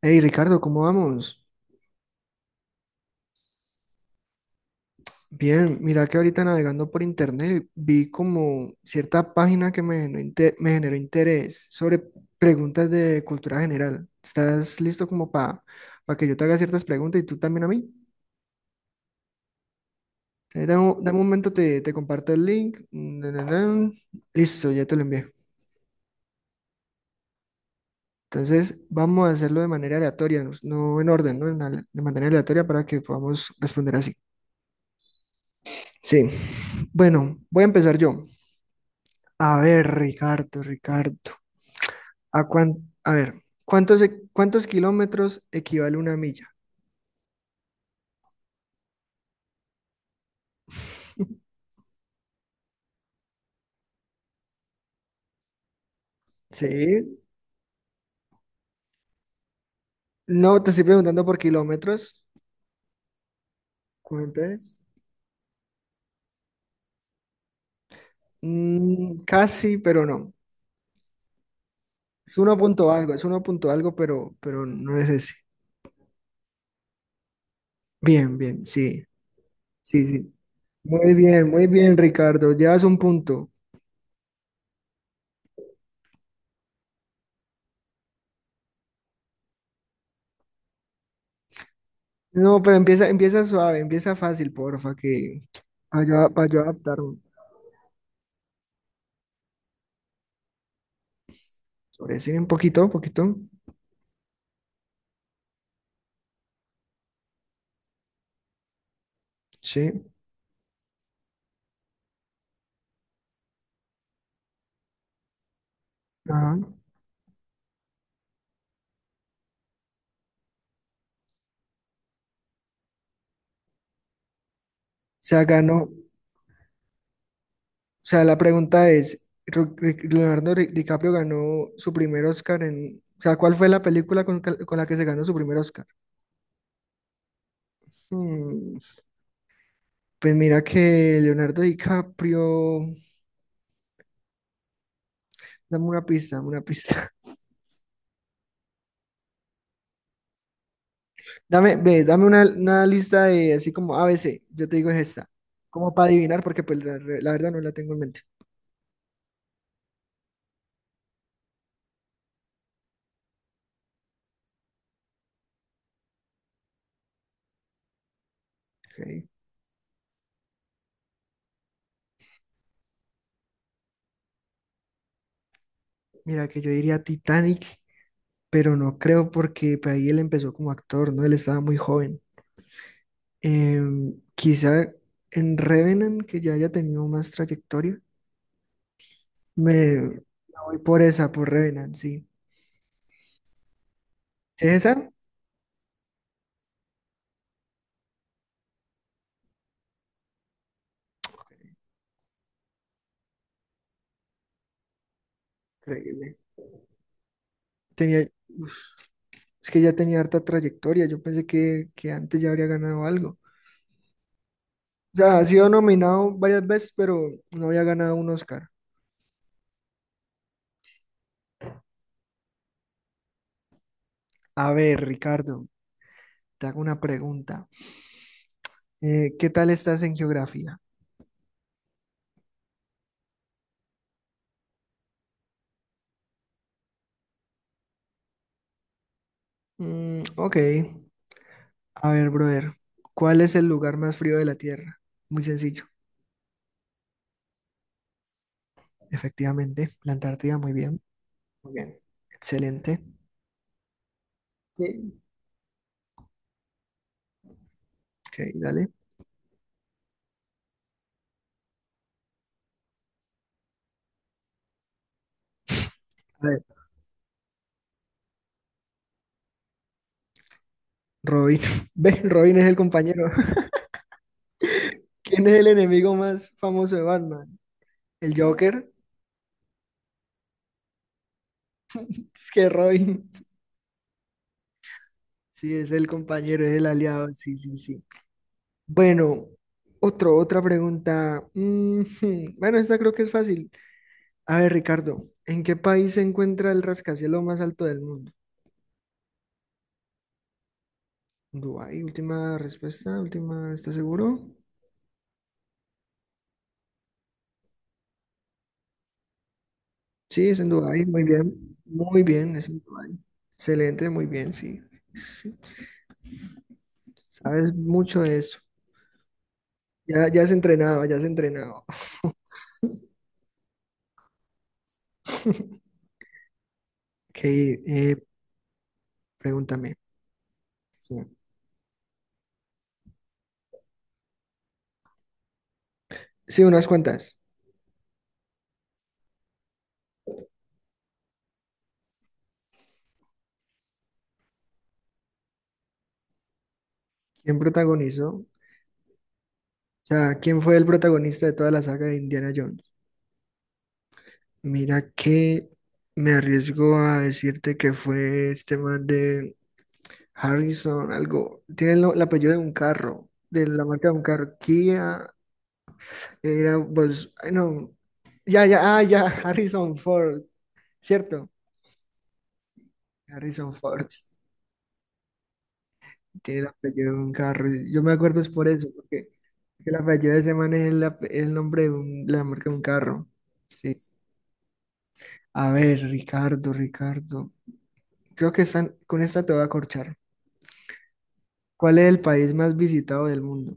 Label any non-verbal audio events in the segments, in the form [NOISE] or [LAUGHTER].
Hey Ricardo, ¿cómo vamos? Bien, mira que ahorita navegando por internet vi como cierta página que me generó, me generó interés sobre preguntas de cultura general. ¿Estás listo como para que yo te haga ciertas preguntas y tú también a mí? Dame un momento, te comparto el link. Na, na, na. Listo, ya te lo envié. Entonces vamos a hacerlo de manera aleatoria, no en orden, ¿no? De manera aleatoria para que podamos responder así. Sí, bueno, voy a empezar yo. A ver, Ricardo, Ricardo. A, cuán- a ver, ¿cuántos, e- cuántos kilómetros equivale una milla? Sí, no te estoy preguntando por kilómetros. ¿Cuánto es? Mm, casi, pero no. Es uno punto algo, es uno punto algo, pero no es ese. Bien, bien, sí, sí, sí. Muy bien, Ricardo. Llevas un punto. No, pero empieza, empieza suave, empieza fácil, porfa, que para yo, pa' yo adaptarme. Sobre sí, un poquito, un poquito. Sí. Ajá. O sea, ganó. O sea, la pregunta es, Leonardo DiCaprio ganó su primer Oscar en... O sea, ¿cuál fue la película con la que se ganó su primer Oscar? Mm, pues mira que Leonardo DiCaprio... Dame una pista, dame una pista. [LAUGHS] Dame, ve, dame una lista de así como ABC. Yo te digo es esta. Como para adivinar, porque pues la verdad no la tengo en mente. Ok. Mira que yo diría Titanic, pero no creo porque pues, ahí él empezó como actor, ¿no? Él estaba muy joven. Quizá en Revenant, que ya haya tenido más trayectoria, me, me voy por esa, por Revenant, sí. ¿Sí es esa? Ok, increíble. Tenía, uf, es que ya tenía harta trayectoria, yo pensé que antes ya habría ganado algo. O sea, ha sido nominado varias veces, pero no había ganado un Oscar. A ver, Ricardo, te hago una pregunta. ¿Qué tal estás en geografía? Mm, ok, a ver, brother, ¿cuál es el lugar más frío de la Tierra? Muy sencillo. Efectivamente, la Antártida, muy bien, excelente. Sí, ok, dale. A ver, Robin. [LAUGHS] ¿Ves? Robin es el compañero. [LAUGHS] ¿Quién es el enemigo más famoso de Batman? ¿El Joker? Es que Robin. [LAUGHS] Sí, es el compañero, es el aliado. Sí, sí, sí. Bueno, otra pregunta. Ujú, [LAUGHS] bueno, esta creo que es fácil. A ver, Ricardo, ¿en qué país se encuentra el rascacielos más alto del mundo? Dubái, última respuesta, última, ¿estás seguro? Sí, es en Dubái, muy bien, es en Dubái. Excelente, muy bien, sí. Sí, sabes mucho de eso. Ya, ya has entrenado, ya has entrenado. [LAUGHS] Ok, pregúntame. Sí. Sí, unas cuantas. ¿Quién protagonizó? O sea, ¿quién fue el protagonista de toda la saga de Indiana Jones? Mira que me arriesgo a decirte que fue este man de Harrison, algo. Tiene el, el apellido de un carro, de la marca de un carro. Kia, era, pues, ay, no, ya, ya, ah, ya, [LAUGHS] Harrison Ford, ¿cierto? Harrison Ford tiene el apellido de un carro. Yo me acuerdo es por eso, porque el apellido de ese man es el, el nombre la marca de un carro. Sí, sí. A ver, Ricardo, Ricardo. Creo que están, con esta te voy a corchar. ¿Cuál es el país más visitado del mundo?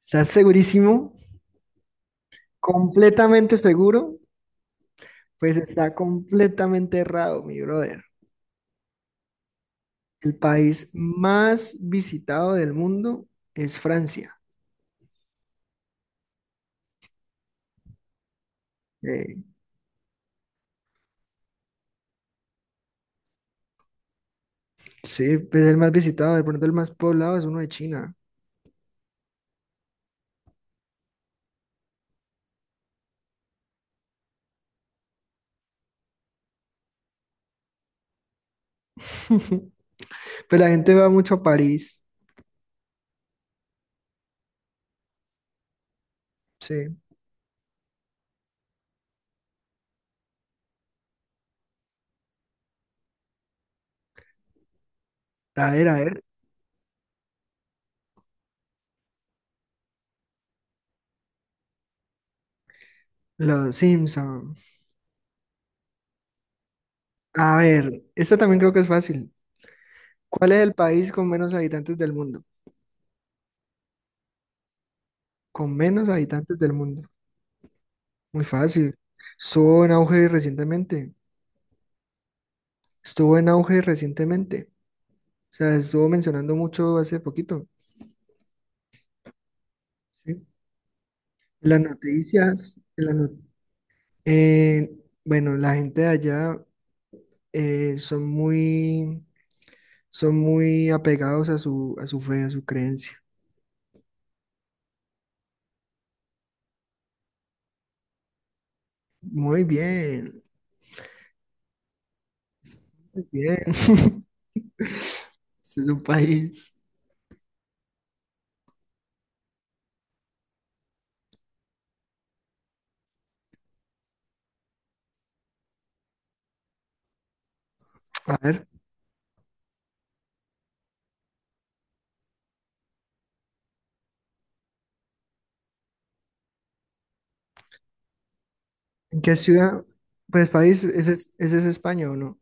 ¿Estás segurísimo? ¿Completamente seguro? Pues está completamente errado, mi brother. El país más visitado del mundo es Francia. Eh, Sí, pues el más visitado, de pronto el más poblado es uno de China. [LAUGHS] Pues la gente va mucho a París. Sí. A ver, a ver. Los Simpson. A ver, esta también creo que es fácil. ¿Cuál es el país con menos habitantes del mundo? Con menos habitantes del mundo. Muy fácil. Estuvo en auge recientemente. Estuvo en auge recientemente. O sea, estuvo mencionando mucho hace poquito. ¿Sí? Las noticias, en las eh, bueno, la gente de allá eh, son muy son muy apegados a su fe, a su creencia. Muy bien, muy bien. [LAUGHS] Ese es un país. A ver, ¿en qué ciudad? Pues país, ese es España o no.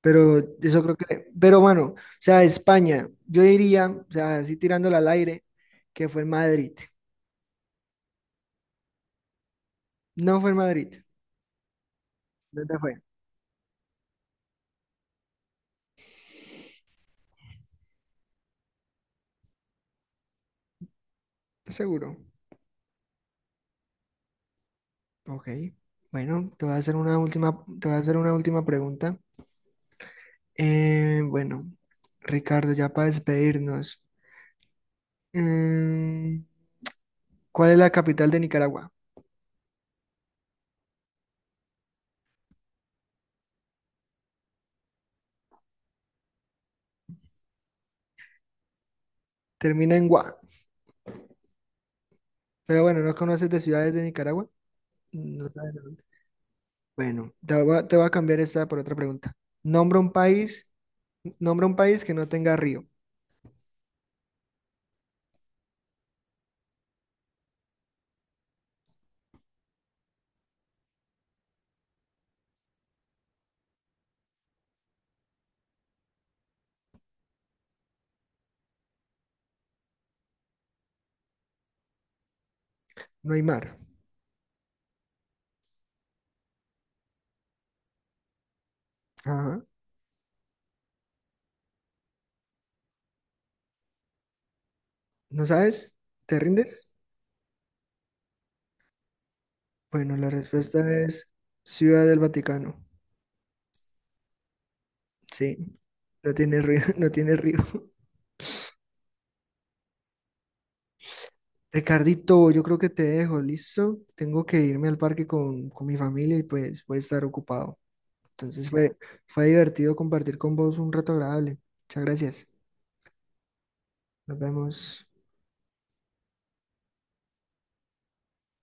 Pero eso creo que, pero bueno, o sea, España, yo diría, o sea, así tirándola al aire, que fue en Madrid. No fue en Madrid. ¿Dónde fue? ¿Estás seguro? Ok. Bueno, te voy a hacer una última, te voy a hacer una última pregunta. Eh, bueno, Ricardo, ya para despedirnos. Mm, ¿cuál es la capital de Nicaragua? Termina en Gua. Pero bueno, ¿no conoces de ciudades de Nicaragua? No sabes de dónde. Bueno, te voy a cambiar esta por otra pregunta. Nombra un país, nombra un país que no tenga río, no hay mar. Ajá. ¿No sabes? ¿Te rindes? Bueno, la respuesta es Ciudad del Vaticano. Sí, no tiene río, [LAUGHS] no tiene río. Ricardito, yo creo que te dejo, ¿listo? Tengo que irme al parque con mi familia y pues voy a estar ocupado. Entonces fue, fue divertido compartir con vos un rato agradable. Muchas gracias. Nos vemos.